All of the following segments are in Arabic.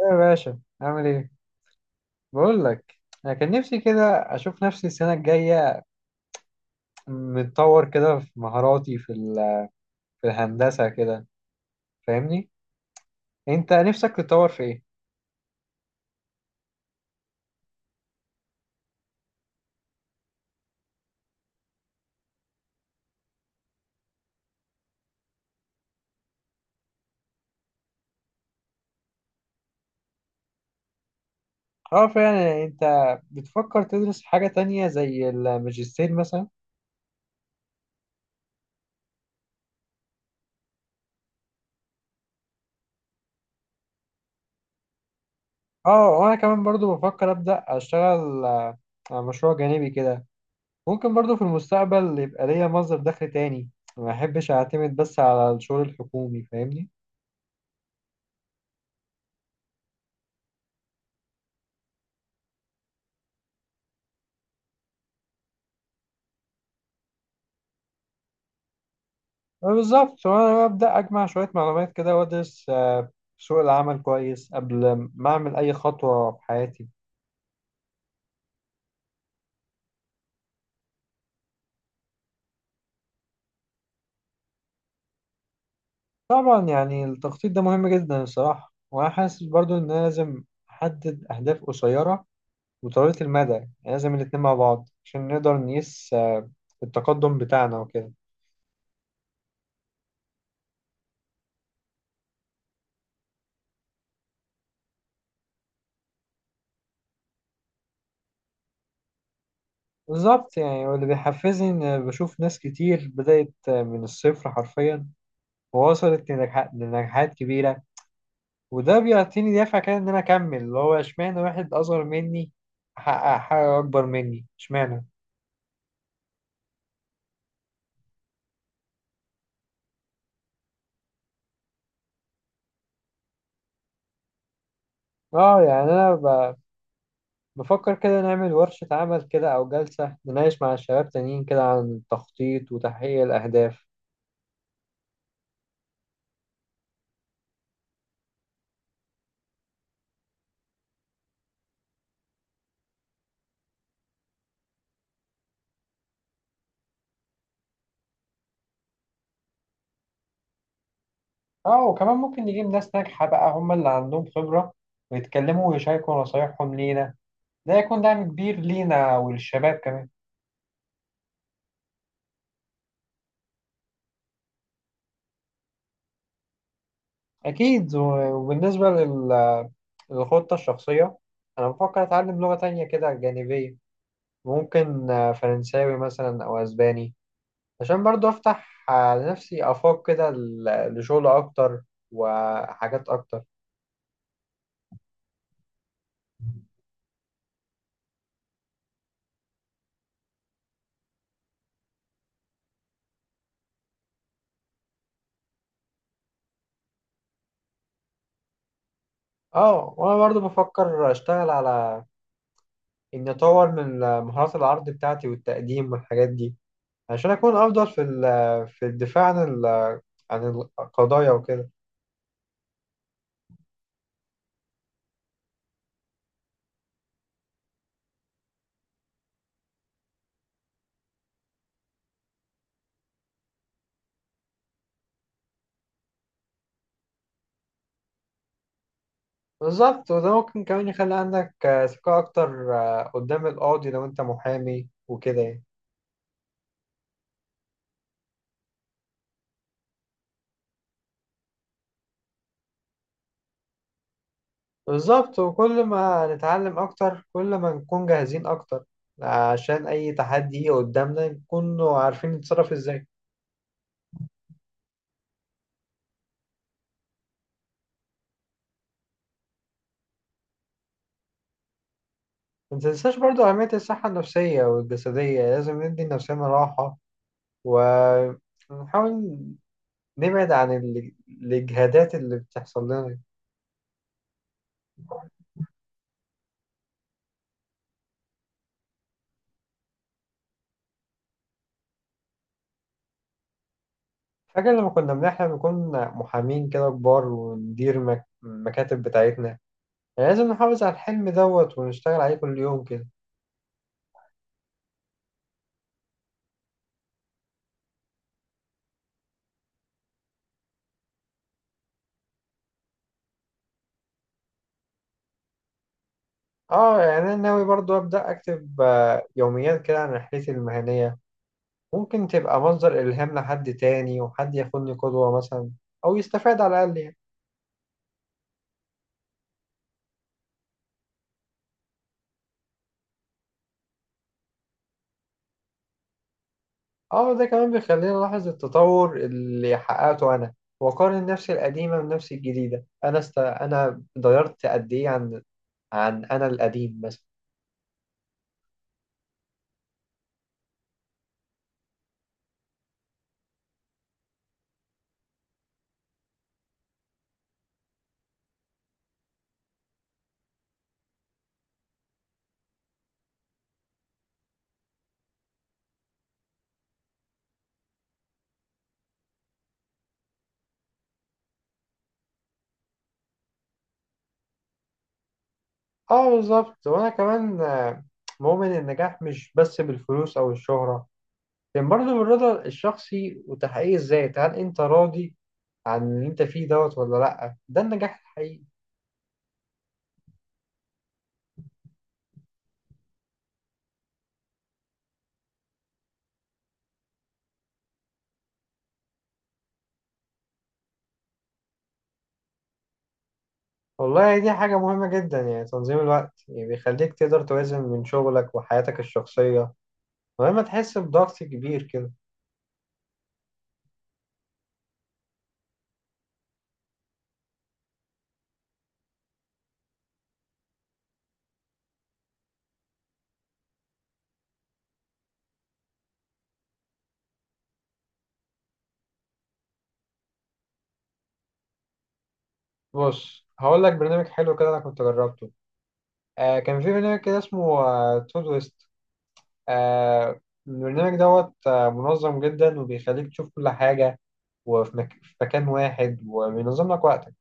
إيه يا باشا، عامل ايه؟ بقول لك، انا كان نفسي كده اشوف نفسي السنه الجايه متطور كده في مهاراتي في الهندسه كده، فاهمني؟ انت نفسك تتطور في ايه؟ اه فعلا. يعني انت بتفكر تدرس حاجه تانية زي الماجستير مثلا؟ اه، وانا كمان برضو بفكر ابدا اشتغل على مشروع جانبي كده. ممكن برضو في المستقبل يبقى ليا مصدر دخل تاني. ما احبش اعتمد بس على الشغل الحكومي، فاهمني؟ بالظبط. وانا ببدا اجمع شويه معلومات كده وادرس سوق العمل كويس قبل ما اعمل اي خطوه في حياتي. طبعا، يعني التخطيط ده مهم جدا الصراحه، وانا حاسس برضو ان أنا لازم احدد اهداف قصيره وطويله المدى، يعني لازم الاتنين مع بعض عشان نقدر نقيس التقدم بتاعنا وكده. بالظبط، يعني واللي بيحفزني ان بشوف ناس كتير بدات من الصفر حرفيا ووصلت لنجاحات كبيره، وده بيعطيني دافع كده ان انا اكمل، اللي هو اشمعنى واحد اصغر مني حقق حاجه اكبر مني، اشمعنى. اه، يعني انا بفكر كده نعمل ورشه عمل كده او جلسه نناقش مع الشباب تانيين كده عن التخطيط وتحقيق الاهداف. اه، وكمان ممكن نجيب ناس ناجحه بقى هم اللي عندهم خبره ويتكلموا ويشاركوا نصايحهم لينا. ده هيكون دعم كبير لينا وللشباب كمان. اكيد. وبالنسبه للخطه الشخصيه، انا بفكر اتعلم لغه تانية كده جانبيه، ممكن فرنساوي مثلا أو أسباني، عشان برضو أفتح لنفسي آفاق كده لشغل أكتر وحاجات أكتر. اه، وأنا برضو بفكر أشتغل على إني أطور من مهارات العرض بتاعتي والتقديم والحاجات دي عشان أكون أفضل في الدفاع عن ال- عن القضايا وكده. بالظبط. وده ممكن كمان يخلي عندك ثقة أكتر قدام القاضي لو أنت محامي، وكده يعني. بالظبط. وكل ما نتعلم أكتر كل ما نكون جاهزين أكتر عشان أي تحدي يجي قدامنا نكون عارفين نتصرف إزاي. ما تنساش برضو أهمية الصحة النفسية والجسدية. لازم ندي لنفسنا راحة ونحاول نبعد عن الإجهادات اللي بتحصل لنا. فاكر لما كنا بنحلم نكون محامين كده كبار وندير المكاتب بتاعتنا؟ لازم نحافظ على الحلم دوت ونشتغل عليه كل يوم كده. اه، يعني انا ناوي برضو ابدا اكتب يوميات كده عن رحلتي المهنيه. ممكن تبقى مصدر الهام لحد تاني وحد ياخدني قدوه مثلا او يستفاد على الاقل يعني. اه، ده كمان بيخليني الاحظ التطور اللي حققته انا واقارن نفسي القديمه بنفسي الجديده. انا اتغيرت قد ايه عن انا القديم مثلا. اه، بالظبط. وانا كمان مؤمن إن النجاح مش بس بالفلوس او الشهره، لكن برضه بالرضا الشخصي وتحقيق الذات. هل انت راضي عن اللي انت فيه دوت ولا لأ؟ ده النجاح الحقيقي. والله دي حاجة مهمة جدا، يعني تنظيم الوقت يعني بيخليك تقدر توازن بين شغلك وحياتك الشخصية من غير ما تحس بضغط كبير كده. بص، هقول لك برنامج حلو كده أنا كنت جربته. آه، كان في برنامج كده اسمه تود ويست. آه البرنامج دوت منظم جدا وبيخليك تشوف كل حاجة في مكان واحد وبينظم لك وقتك.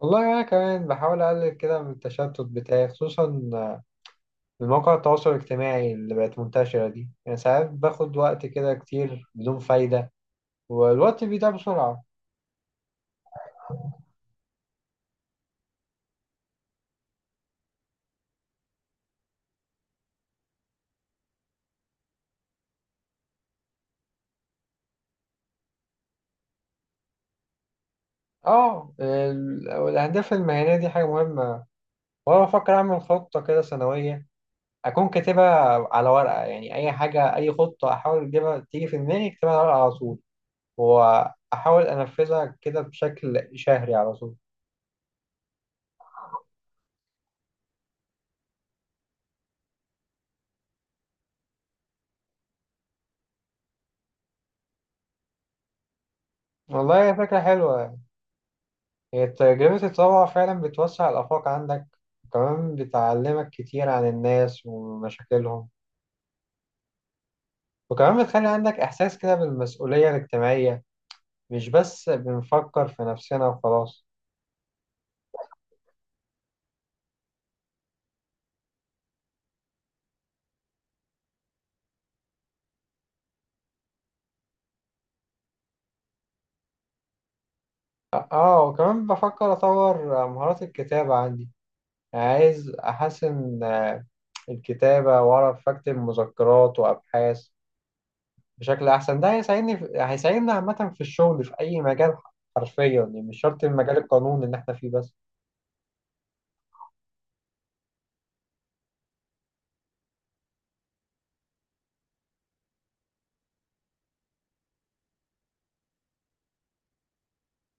والله أنا كمان بحاول أقلل كده من التشتت بتاعي، خصوصا المواقع التواصل الاجتماعي اللي بقت منتشرة دي، يعني ساعات باخد وقت كده كتير بدون فايدة والوقت بيضيع بسرعة. اه، الأهداف المهنية دي حاجة مهمة، وأنا بفكر أعمل خطة كده سنوية أكون كاتبها على ورقة. يعني أي حاجة، أي خطة أحاول أجيبها تيجي في دماغي أكتبها على ورقة على طول وأحاول أنفذها كده بشكل شهري على طول. والله فكرة حلوة. هي تجربة التطوع فعلا بتوسع الآفاق عندك، وكمان بتعلمك كتير عن الناس ومشاكلهم، وكمان بتخلي عندك إحساس كده بالمسؤولية الاجتماعية، مش بس بنفكر في نفسنا وخلاص. آه، وكمان بفكر أطور مهارات الكتابة عندي، يعني عايز أحسن الكتابة وأعرف أكتب مذكرات وأبحاث بشكل أحسن. ده هيساعدنا عامة في الشغل في أي مجال حرفيا، يعني مش شرط المجال القانوني اللي إحنا فيه بس.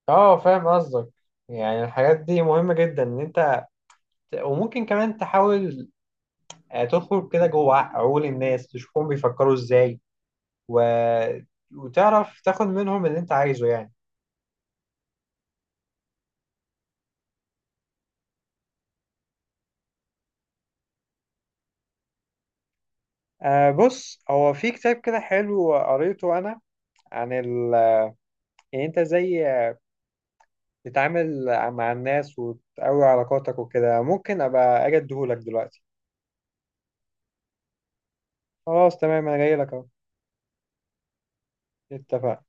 اه، فاهم قصدك. يعني الحاجات دي مهمة جدا ان انت، وممكن كمان تحاول تدخل كده جوه عقول الناس تشوفهم بيفكروا ازاي و... وتعرف تاخد منهم اللي انت عايزه يعني. آه، بص هو في كتاب كده حلو قريته انا، عن ال... يعني انت ازاي تتعامل مع الناس وتقوي علاقاتك وكده. ممكن ابقى اجي اديهولك دلوقتي. خلاص تمام، انا جاي لك اهو. اتفقنا.